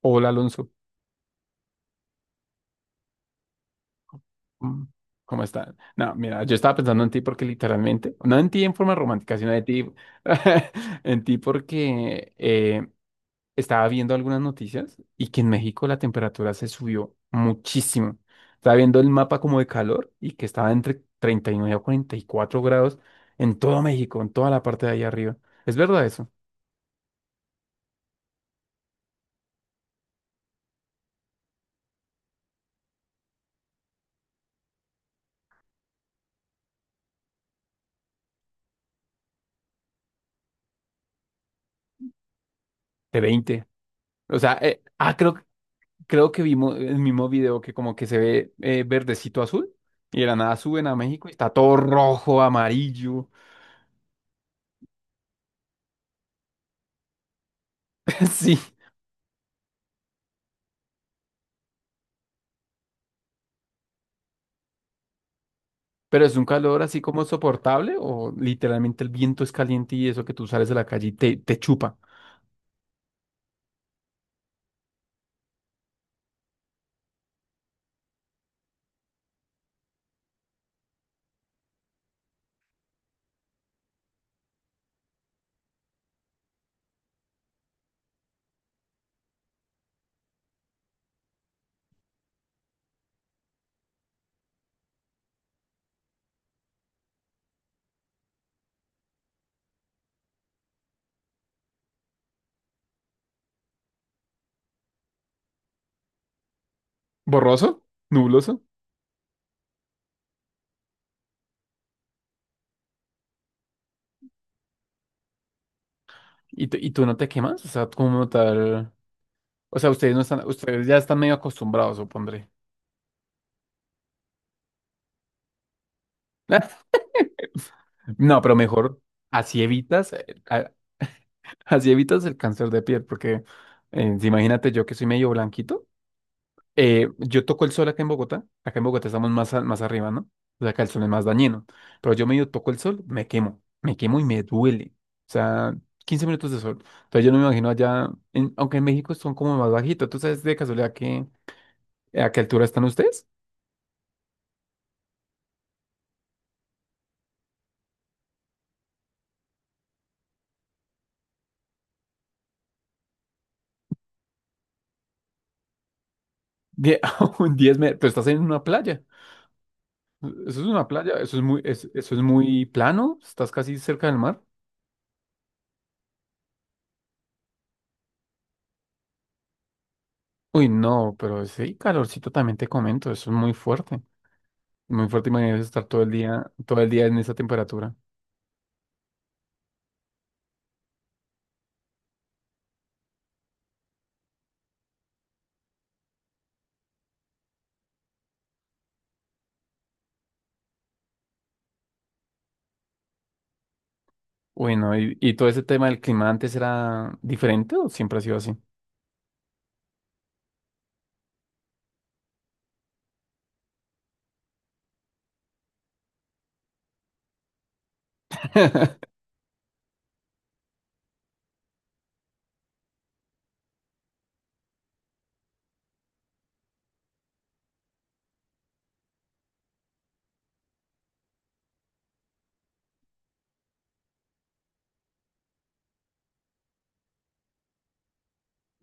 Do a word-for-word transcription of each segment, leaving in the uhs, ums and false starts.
Hola Alonso. Mm, ¿Cómo estás? No, mira, yo estaba pensando en ti porque literalmente, no en ti en forma romántica, sino de ti, en ti porque eh, estaba viendo algunas noticias y que en México la temperatura se subió muchísimo. Estaba viendo el mapa como de calor y que estaba entre treinta y nueve a cuarenta y cuatro grados en todo México, en toda la parte de ahí arriba. ¿Es verdad eso? De veinte. O sea, eh, ah, creo, creo que vimos el mismo video que como que se ve eh, verdecito azul y de la nada suben a México y está todo rojo, amarillo. Sí, pero es un calor así como soportable o literalmente el viento es caliente y eso que tú sales de la calle y te, te chupa. Borroso, nubloso. Y, tú- y tú no te quemas, o sea, como tal. O sea, ustedes no están, ustedes ya están medio acostumbrados, supondré. No, pero mejor así evitas, eh, a- así evitas el cáncer de piel, porque eh, si imagínate yo que soy medio blanquito, eh, yo toco el sol acá en Bogotá, acá en Bogotá estamos más, a- más arriba, ¿no? O sea, acá el sol es más dañino, pero yo medio toco el sol, me quemo, me quemo y me duele. O sea, quince minutos de sol. Entonces yo no me imagino allá, en- aunque en México son como más bajitos. ¿Tú sabes de casualidad que a qué altura están ustedes? Die- un diez metros, pero estás en una playa. Eso es una playa. Eso es muy, es- eso es muy plano, estás casi cerca del mar. Uy, no, pero sí, calorcito también te comento, eso es muy fuerte. Muy fuerte, imagínate estar todo el día, todo el día en esa temperatura. Bueno, y, y todo ese tema del clima antes era diferente o siempre ha sido así?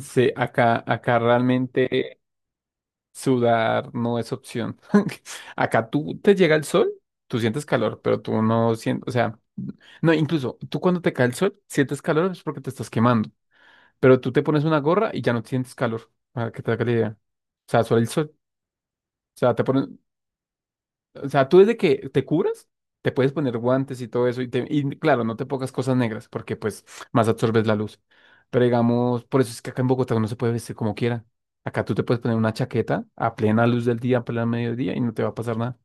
Sí, acá, acá realmente. Sudar no es opción. Acá tú te llega el sol, tú sientes calor, pero tú no sientes, o sea, no, incluso tú cuando te cae el sol, sientes calor es porque te estás quemando, pero tú te pones una gorra y ya no sientes calor, para que te haga la idea. O sea, solo el sol, o sea, te pones, o sea, tú desde que te cubras, te puedes poner guantes y todo eso. Y, te- y claro, no te pongas cosas negras porque pues más absorbes la luz. Pero digamos, por eso es que acá en Bogotá uno se puede vestir como quiera. Acá tú te puedes poner una chaqueta a plena luz del día, a plena mediodía y no te va a pasar nada.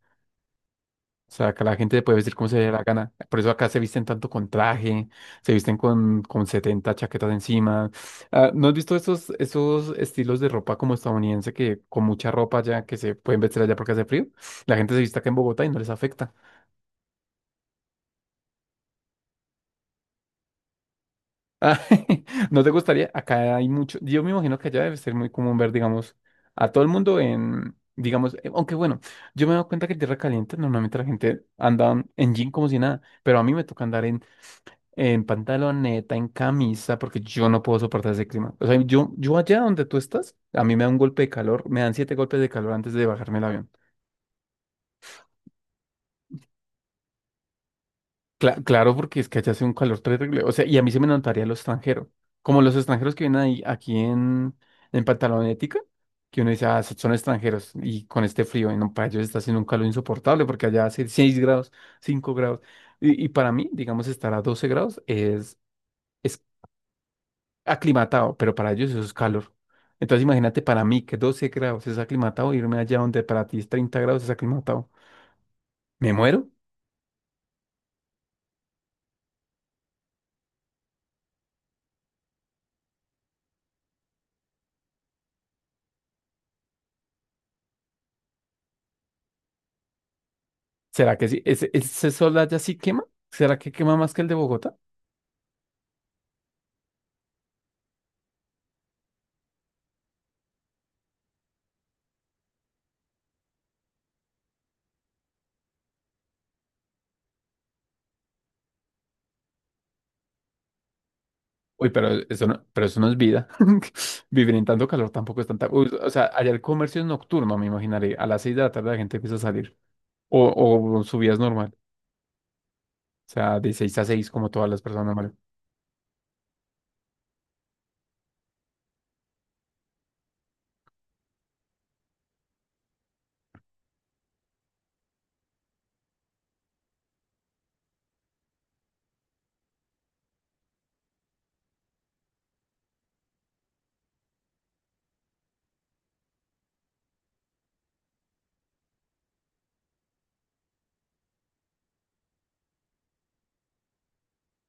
O sea, acá la gente te puede vestir como se le dé la gana. Por eso acá se visten tanto con traje, se visten con, con setenta chaquetas encima. Ah, ¿no has visto esos, esos estilos de ropa como estadounidense que con mucha ropa ya que se pueden vestir allá porque hace frío? La gente se viste acá en Bogotá y no les afecta. Ah, ¿no te gustaría? Acá hay mucho. Yo me imagino que allá debe ser muy común ver, digamos, a todo el mundo en, digamos, eh, aunque bueno, yo me he dado cuenta que en Tierra Caliente normalmente la gente anda en jean como si nada, pero a mí me toca andar en, en pantaloneta, en camisa, porque yo no puedo soportar ese clima. O sea, yo, yo allá donde tú estás, a mí me da un golpe de calor, me dan siete golpes de calor antes de bajarme el avión. Cla- claro, porque es que allá hace un calor terrible. O sea, y a mí se me notaría lo extranjero. Como los extranjeros que vienen ahí, aquí en, en Pantalonética, que uno dice: ah, so- son extranjeros. Y con este frío, y no, para ellos está haciendo un calor insoportable, porque allá hace seis grados, cinco grados. Y, y para mí, digamos, estar a doce grados es, es aclimatado, pero para ellos eso es calor. Entonces imagínate para mí que doce grados es aclimatado, irme allá donde para ti es treinta grados es aclimatado. Me muero. ¿Será que sí? ¿Ese, ese sol allá sí quema? ¿Será que quema más que el de Bogotá? Uy, pero eso no, pero eso no es vida. Vivir en tanto calor tampoco es tanta. Uy, o sea, allá el comercio es nocturno, me imaginaré. A las seis de la tarde la gente empieza a salir. O, o su vida es normal. O sea, de seis a seis, como todas las personas normales.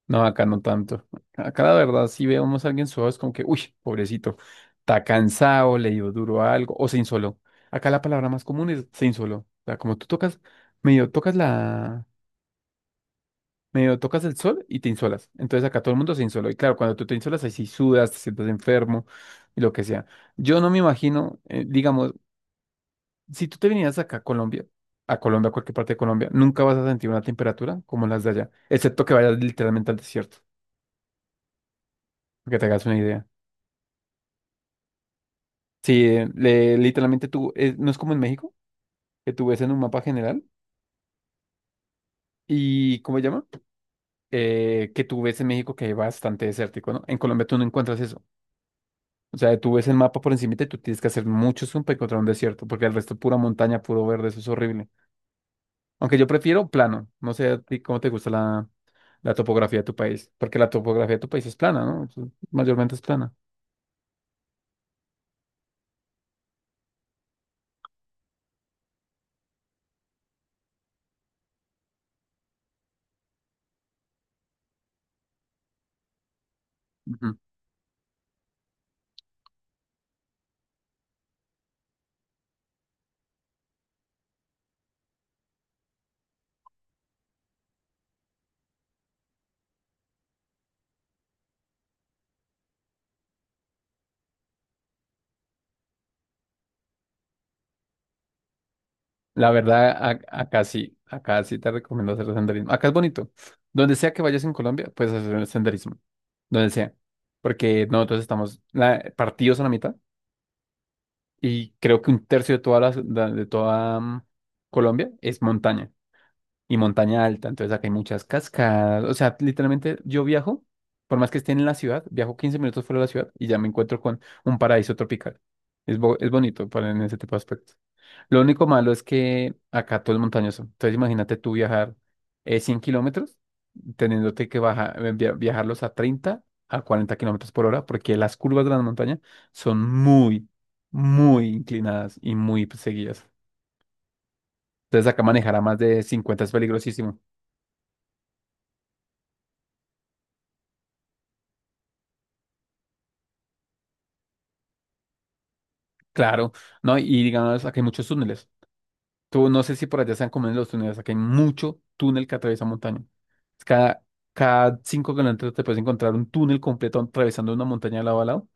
No, acá no tanto. Acá la verdad, si vemos a alguien suave, es como que, uy, pobrecito, está cansado, le dio duro a algo, o se insoló. Acá la palabra más común es se insoló. O sea, como tú tocas, medio tocas la medio tocas el sol y te insolas. Entonces acá todo el mundo se insoló. Y claro, cuando tú te insolas, ahí sí sudas, te sientes enfermo y lo que sea. Yo no me imagino, eh, digamos, si tú te vinieras acá a Colombia, a Colombia, a cualquier parte de Colombia, nunca vas a sentir una temperatura como las de allá, excepto que vayas literalmente al desierto, para que te hagas una idea. Sí, eh, le- literalmente tú, eh, no es como en México, que tú ves en un mapa general y, ¿cómo se llama? Eh, que tú ves en México que hay bastante desértico, ¿no? En Colombia tú no encuentras eso. O sea, tú ves el mapa por encima y tú tienes que hacer mucho zoom para encontrar un desierto, porque el resto pura montaña, puro verde, eso es horrible. Aunque yo prefiero plano. No sé a ti cómo te gusta la, la topografía de tu país, porque la topografía de tu país es plana, ¿no? Eso mayormente es plana. Ujú. La verdad, a- acá sí, acá sí te recomiendo hacer senderismo. Acá es bonito. Donde sea que vayas en Colombia, puedes hacer el senderismo. Donde sea. Porque nosotros estamos la- partidos a la mitad y creo que un tercio de toda la, de toda mm, Colombia es montaña. Y montaña alta, entonces acá hay muchas cascadas, o sea, literalmente yo viajo, por más que esté en la ciudad, viajo quince minutos fuera de la ciudad y ya me encuentro con un paraíso tropical. Es, bo- es bonito para en ese tipo de aspectos. Lo único malo es que acá todo es montañoso, entonces imagínate tú viajar eh, cien kilómetros, teniéndote que baja- eh, via- viajarlos a treinta a cuarenta kilómetros por hora, porque las curvas de la montaña son muy, muy inclinadas y muy seguidas. Entonces acá manejar a más de cincuenta es peligrosísimo. Claro, no, y digamos, aquí hay muchos túneles. Tú no sé si por allá sean comunes los túneles, aquí hay mucho túnel que atraviesa montaña. Cada, cada cinco kilómetros te puedes encontrar un túnel completo atravesando una montaña de lado a lado,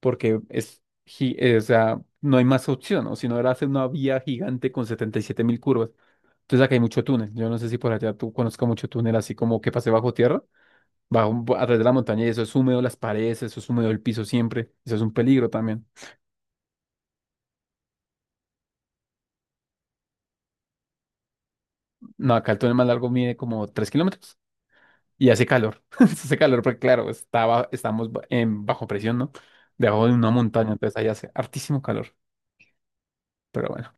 porque es, gi- eh, o sea, no hay más opción, o si no era hacer una vía gigante con setenta y siete mil curvas. Entonces acá hay mucho túnel. Yo no sé si por allá tú conozcas mucho túnel, así como que pasé bajo tierra, bajo, a través de la montaña, y eso es húmedo las paredes, eso es húmedo el piso siempre, eso es un peligro también. No, acá el túnel más largo mide como tres kilómetros. Y hace calor. Hace calor porque, claro, está ba- estamos ba- en bajo presión, ¿no? Debajo de una montaña, entonces ahí hace hartísimo calor. Pero bueno,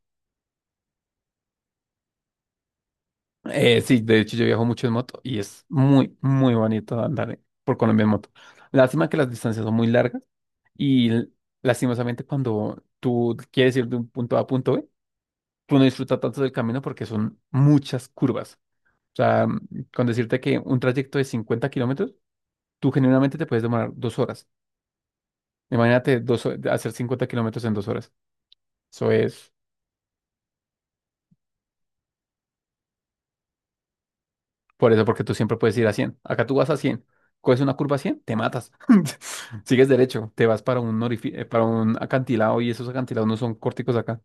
Eh, sí, de hecho yo viajo mucho en moto y es muy, muy bonito andar eh, por Colombia en moto. Lástima que las distancias son muy largas y l- lastimosamente cuando tú quieres ir de un punto A a punto B, tú no disfrutas tanto del camino porque son muchas curvas. O sea, mm, con decirte que un trayecto de cincuenta kilómetros, tú generalmente te puedes demorar dos horas. Imagínate dos, ho- hacer cincuenta kilómetros en dos horas. Eso es por eso, porque tú siempre puedes ir a cien. Acá tú vas a cien. Coges una curva a cien, te matas. Sigues derecho, te vas para un orifi- eh, para un acantilado y esos acantilados no son corticos acá.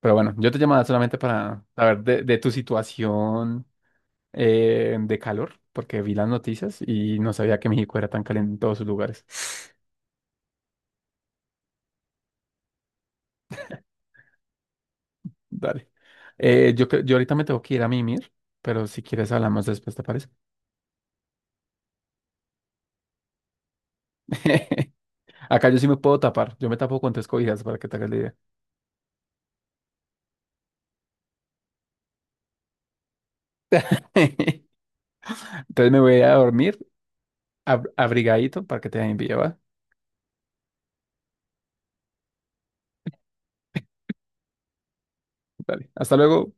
Pero bueno, yo te llamaba solamente para saber de, de tu situación eh, de calor, porque vi las noticias y no sabía que México era tan caliente en todos sus lugares. Dale. Eh, yo, cre- yo ahorita me tengo que ir a mimir, pero si quieres hablamos después, ¿te parece? Acá yo sí me puedo tapar. Yo me tapo con tres cobijas para que te hagas la idea. Entonces me voy a dormir ab- abrigadito para que te envíe, ¿va? Dale. Hasta luego.